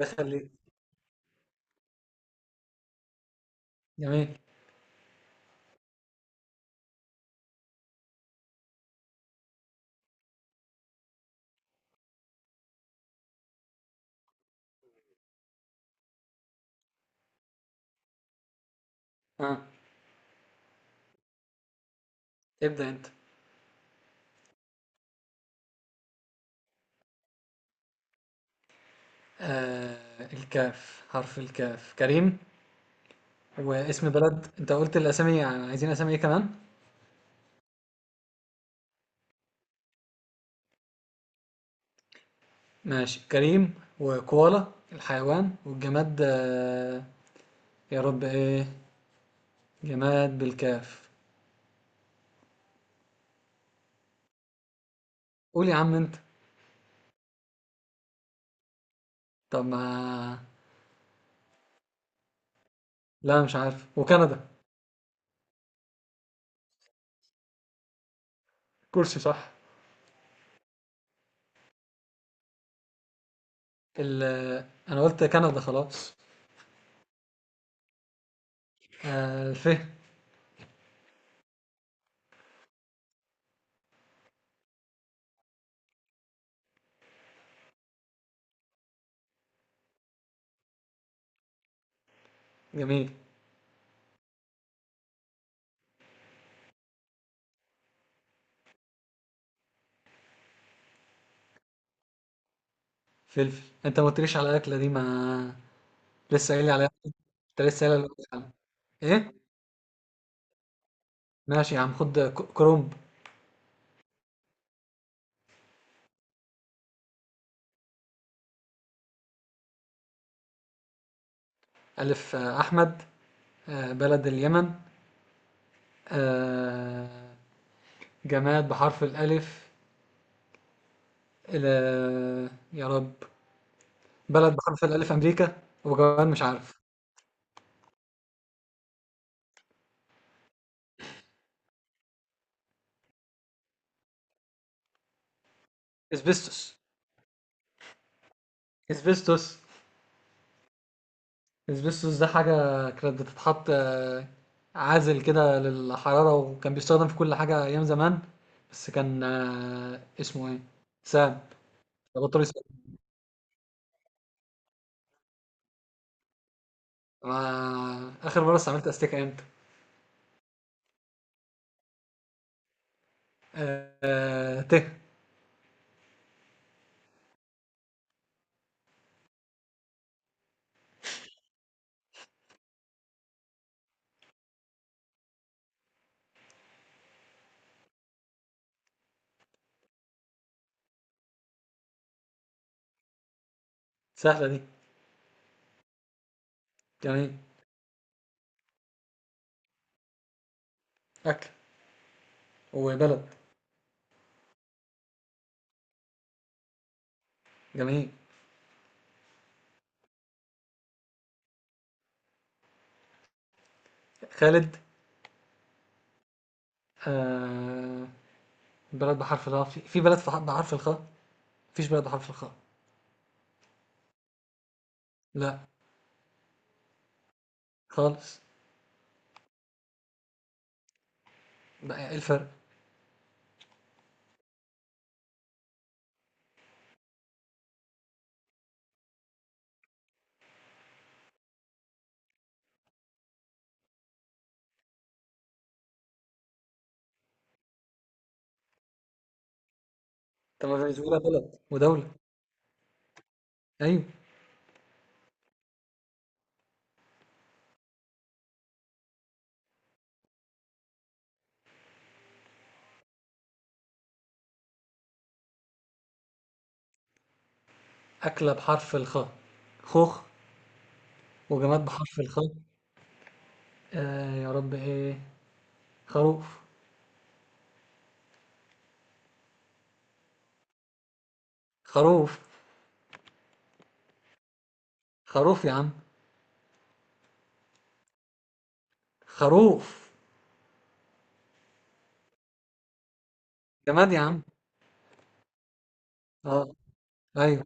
بخليك. جميل. اه ابدأ انت. الكاف، حرف الكاف، كريم. واسم بلد، انت قلت الاسامي، يعني عايزين اسامي ايه كمان؟ ماشي، كريم وكوالا الحيوان والجماد. يا رب، ايه جماد بالكاف؟ قول يا عم انت. طب ما. لا مش عارف. وكندا. كرسي. صح. ال انا قلت كندا خلاص. الف. جميل. فلفل؟ انت ما قلتليش على الاكله دي، ما لسه قايل لي عليها، انت لسه قايل لي عليها. ايه؟ ماشي يا عم، خد كرومب. الف، احمد. بلد اليمن. آه، جماد بحرف الالف. يا رب. بلد بحرف الالف امريكا وجوان، مش عارف. اسبستوس. اسبستوس. اسبستوس ده حاجة كانت بتتحط، عازل كده للحرارة، وكان بيستخدم في كل حاجة أيام زمان، بس كان اسمه ايه؟ سام. ده بطل. ما آخر مرة استعملت أستيكة إمتى؟ ته. سهلة دي. جميل. أكل، وبلد. جميل. خالد. آه... بلد بحرف الخاء في بلد، في بحرف الخاء؟ مفيش بلد بحرف الخاء. لا. خالص. بقى إيه الفرق؟ طب ما فنزويلا بلد ودولة. أيوة. أكلة بحرف الخاء خوخ. وجماد بحرف الخاء، يا رب إيه؟ خروف. خروف. خروف يا عم. خروف. جماد يا عم. اه. ايوه.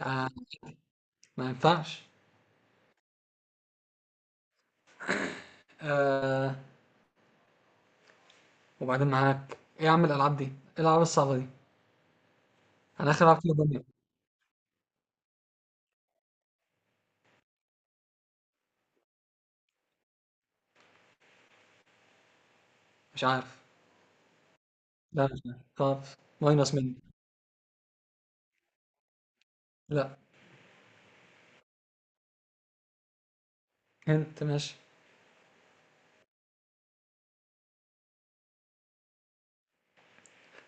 آه ما ينفعش. آه وبعدين معاك ايه يا عم، الالعاب دي ايه، الالعاب الصعبه دي، انا اخر العب فيها دنيا. مش عارف. لا مش عارف، طب. ماينس مني. لا. انت ماشي.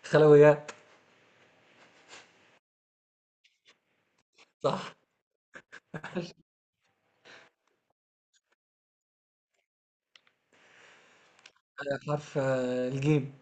خلويات. صح. ماشي. حرف الجيم.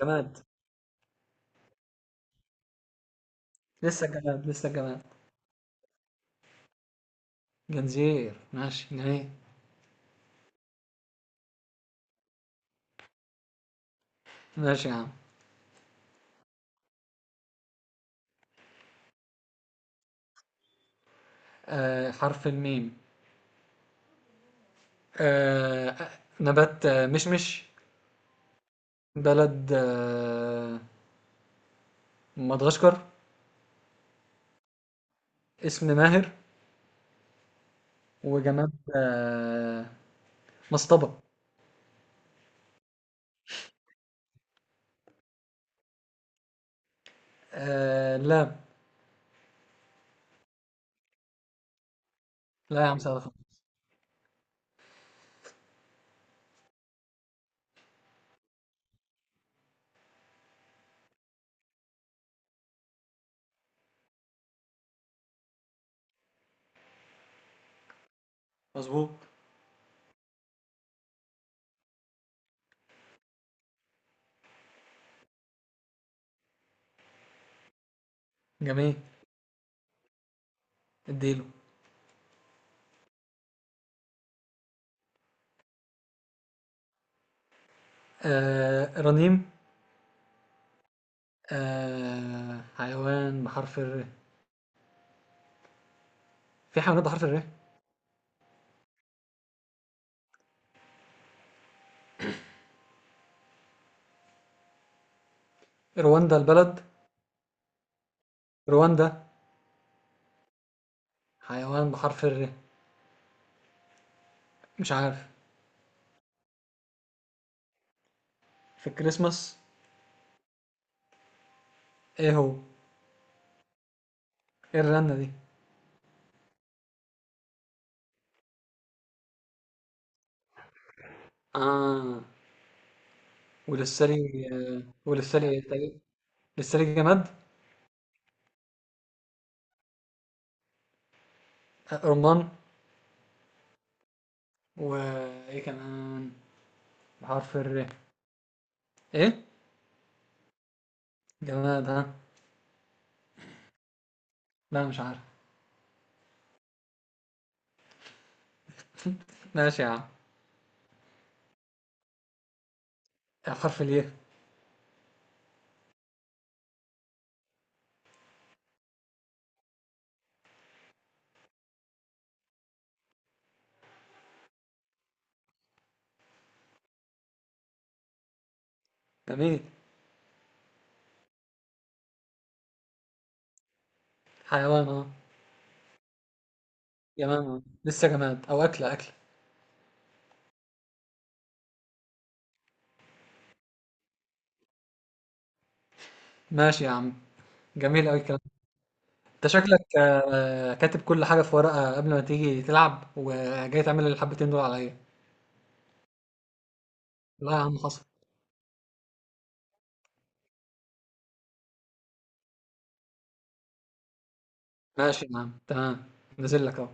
جماد. لسه جماد، لسه جماد. جنزير. ماشي جميل. ماشي يا عم. حرف الميم. آه آه، نبات، مشمش. بلد، مدغشقر. اسم ماهر. وجماد، مصطبة. لا. لا يا عم، سعد خالص. مظبوط. جميل. اديله. رنيم. حيوان بحرف الر، في حيوانات بحرف الر؟ رواندا البلد. رواندا. حيوان بحرف الر، مش عارف. في الكريسماس؟ ايه هو؟ ايه الرنة دي؟ اه. وللسري. وللسري إيه؟ طيب. للسري جماد. رمان. وايه كمان بحرف الر؟ ايه؟ جماد، ها؟ لا مش عارف. ماشي يا عم. حرف الياء. جميل. حيوان، اه. جماد. لسه جماد، او اكله، اكله. ماشي يا عم. جميل قوي الكلام ده. انت شكلك كاتب كل حاجه في ورقه قبل ما تيجي تلعب، وجاي تعمل الحبتين دول عليا. لا يا عم، حصل. ماشي يا عم، تمام. نزل لك اهو.